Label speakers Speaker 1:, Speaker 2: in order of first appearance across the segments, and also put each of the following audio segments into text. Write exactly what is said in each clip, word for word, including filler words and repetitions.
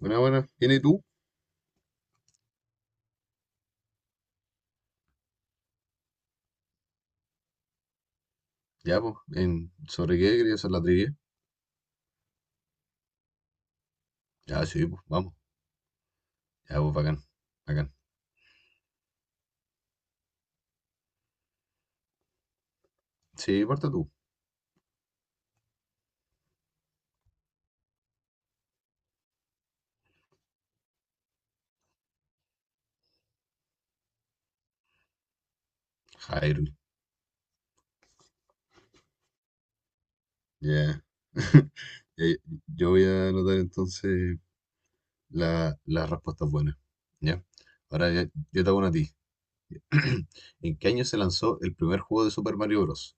Speaker 1: Buena, buena. ¿Viene tú? Ya, pues. ¿En... ¿Sobre qué querías hacer la trivia? Ya, sí, pues, vamos. Ya, pues, bacán. Bacán. Sí, parte tú. Hyrule. Ya. Eh, Yo voy a anotar entonces la- las respuestas buenas. ¿Ya? Ahora ya- yo te hago una a ti. ¿En qué año se lanzó el primer juego de Super Mario Bros?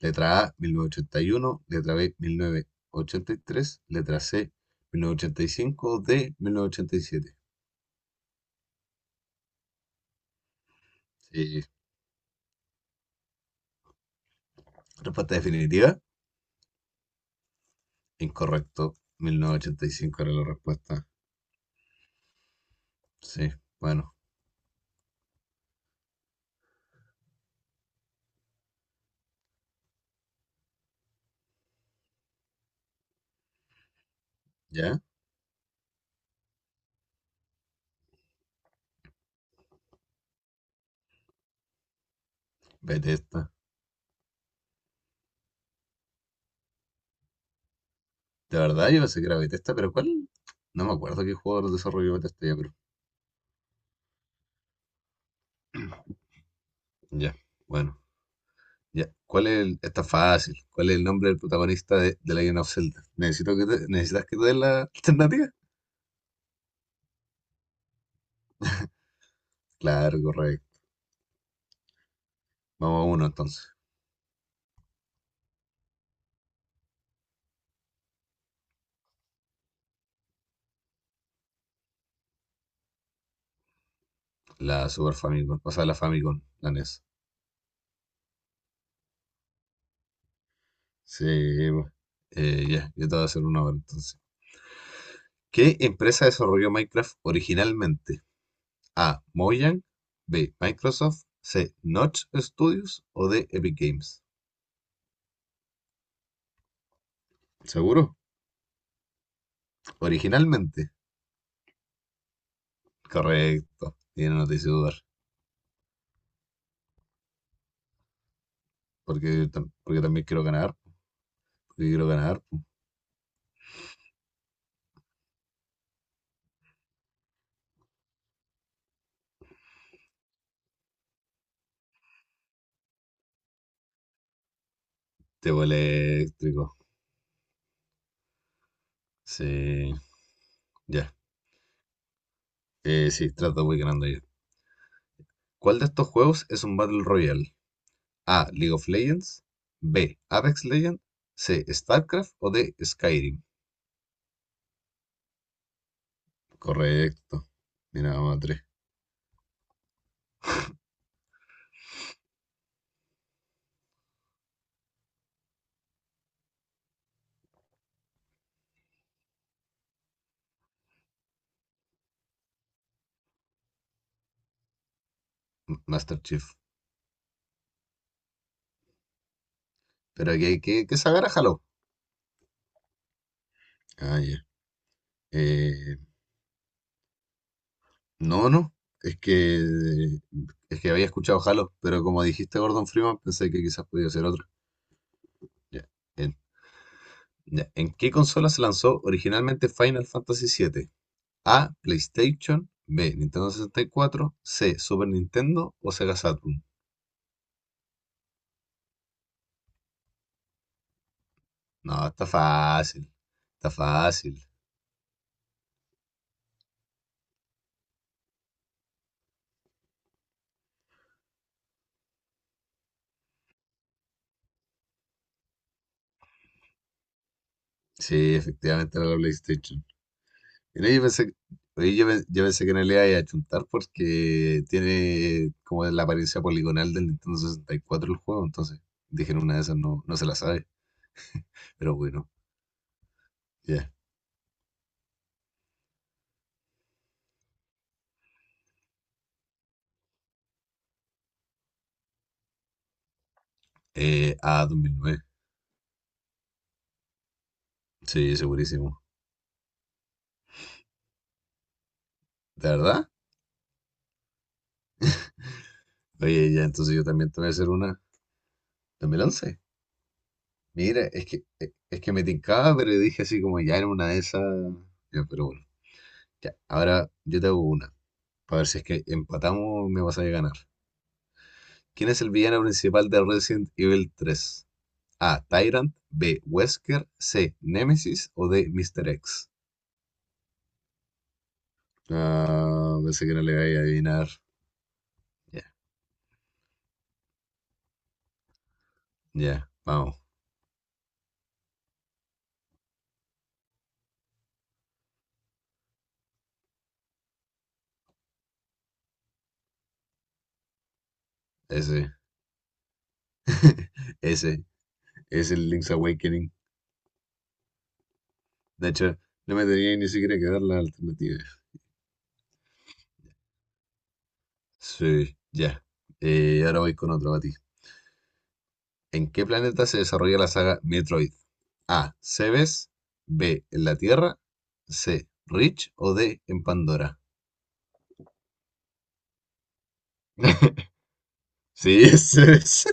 Speaker 1: Letra A, mil novecientos ochenta y uno, letra B, mil novecientos ochenta y tres, letra C, mil novecientos ochenta y cinco, D, mil novecientos ochenta y siete. Sí. Respuesta definitiva. Incorrecto. mil novecientos ochenta y cinco era la respuesta. Sí, bueno, ya. Bethesda. De verdad, yo pensé que era Bethesda, pero ¿cuál? No me acuerdo qué jugador desarrolló Bethesda ya, pero. Ya, bueno. Ya. ¿Cuál es el... Está fácil. ¿Cuál es el nombre del protagonista de The Legend of Zelda? ¿Necesito que te- ¿Necesitas que te dé la alternativa? Claro, correcto. Vamos a uno entonces. La Super Famicom. O sea, la Famicom, la N E S. Sí, pues. Eh, ya, yo te voy a hacer una ahora entonces. ¿Qué empresa desarrolló Minecraft originalmente? A. Mojang, B. Microsoft, C. Notch Studios o D. Epic Games. ¿Seguro? Originalmente. Correcto. Tiene no te hice dudar. Porque, porque también quiero ganar. Porque quiero ganar. Tebo eléctrico. Sí. Ya. Eh, sí, trato, voy ganando ya. ¿Cuál de estos juegos es un Battle Royale? A. League of Legends. B. Apex Legends. C. StarCraft o D. Skyrim. Correcto. Mira, madre. Master Chief. Pero que, que, que se agarra, jalo. Ah, ya. Eh, no, no. Es que, es que había escuchado Halo, pero como dijiste Gordon Freeman, pensé que quizás podía ser otro. Ya. En, ya. ¿En qué consola se lanzó originalmente Final Fantasy siete? A. PlayStation. B. Nintendo sesenta y cuatro. C. Super Nintendo o Sega Saturn. No, está fácil. Está fácil. Sí, efectivamente era la PlayStation. Mira, yo pensé, oye, yo, pe- yo pensé que no le iba a achuntar porque tiene como la apariencia poligonal del Nintendo sesenta y cuatro el juego, entonces dijeron una de esas no, no se la sabe, pero bueno, ya. Eh, ah, dos mil nueve, sí, segurísimo. ¿De verdad? Oye, ya, entonces yo también te voy a hacer una. ¿dos mil once? Mira, es que, eh, es que me tincaba, pero dije así como ya era una de esas. Ya, pero bueno, ya. Ahora yo te hago una, para ver si es que empatamos me vas a ganar. ¿Quién es el villano principal de Resident Evil tres? A. Tyrant. B. Wesker. C. Nemesis. O D. señor X. Ah, pensé que no le iba a adivinar. Ya, ya, vamos. Ese. Ese. Es el Link's Awakening. De hecho, no me tenía ni siquiera que dar la alternativa. Sí, ya. Eh, ahora voy con otro para ti. ¿En qué planeta se desarrolla la saga Metroid? A. Cebes. B. En la Tierra. C. Rich. O D. En Pandora. Sí, ese es.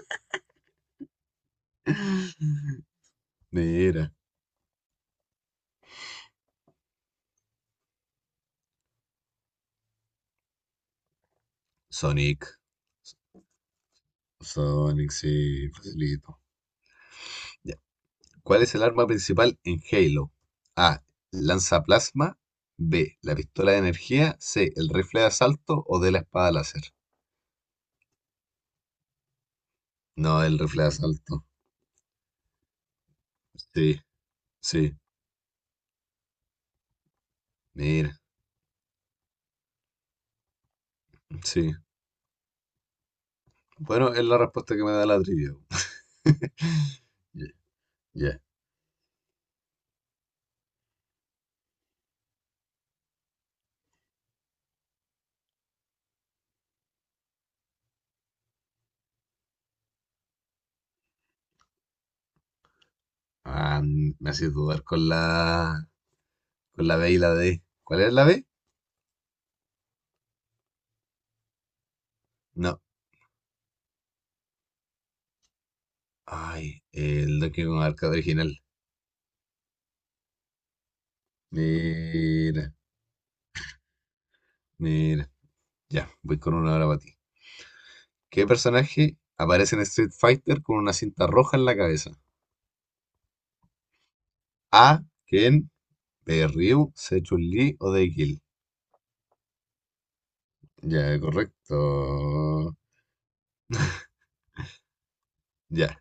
Speaker 1: Mira, Sonic. Sonic, sí, facilito. Ya. ¿Cuál es el arma principal en Halo? A. lanza plasma. B. La pistola de energía. C. El rifle de asalto o de la espada láser. No, el rifle de asalto. Sí, sí. Mira, sí. Bueno, es la respuesta que me da la trivia. Ya. ya. Ah, mm, me haces dudar con la, con la B y la D. ¿Cuál es la B? No. Ay, el Donkey Kong Arcade original. Mira, mira. Ya, voy con una hora para ti. ¿Qué personaje aparece en Street Fighter con una cinta roja en la cabeza? A. Ken. B. Ryu. C. Chun-Li o D. Gil. Ya, correcto. Ya,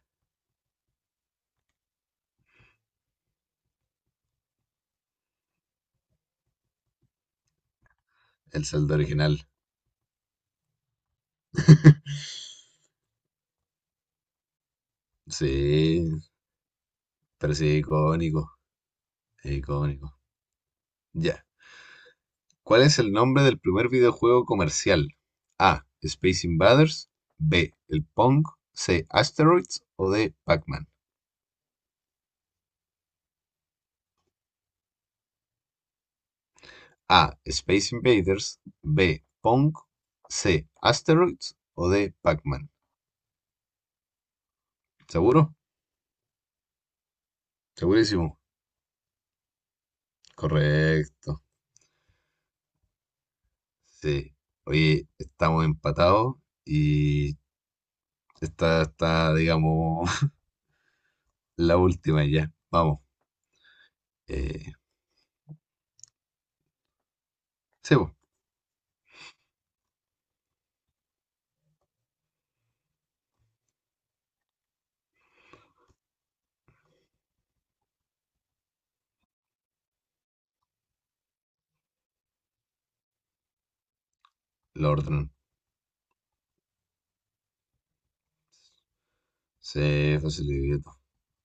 Speaker 1: el saldo original. Sí, pero sí, icónico. Icónico. Ya. ¿Cuál es el nombre del primer videojuego comercial? A. Space Invaders. B. El Pong. C. Asteroids. O D. Pac-Man. A. Space Invaders. B. Pong. C. Asteroids. O D. Pac-Man. ¿Seguro? Segurísimo. Correcto. Sí. Oye, estamos empatados y esta está, digamos, la última ya. Vamos. Eh, sí, po, lo ordenan. Se facilitó.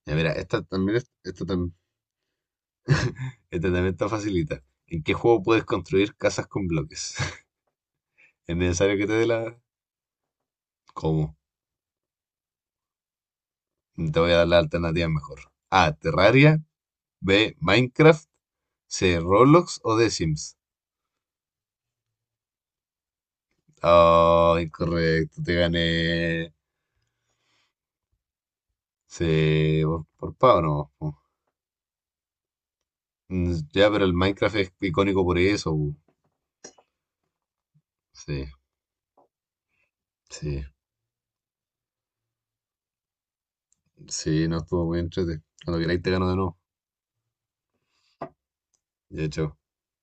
Speaker 1: Ya, mira, esta también, es- esta, tam- esta también está facilita. ¿En qué juego puedes construir casas con bloques? ¿Es necesario que te dé la? ¿Cómo? Te voy a dar la alternativa mejor. A. Terraria. B. Minecraft. C. Roblox o The Sims. Oh, incorrecto. Te gané. Sí, por, por pavo ¿no? po. Mm, Ya, pero el Minecraft es icónico por eso. Po. Sí, sí. Sí, no estuvo muy entrete. Cuando queráis te gano de nuevo. De hecho.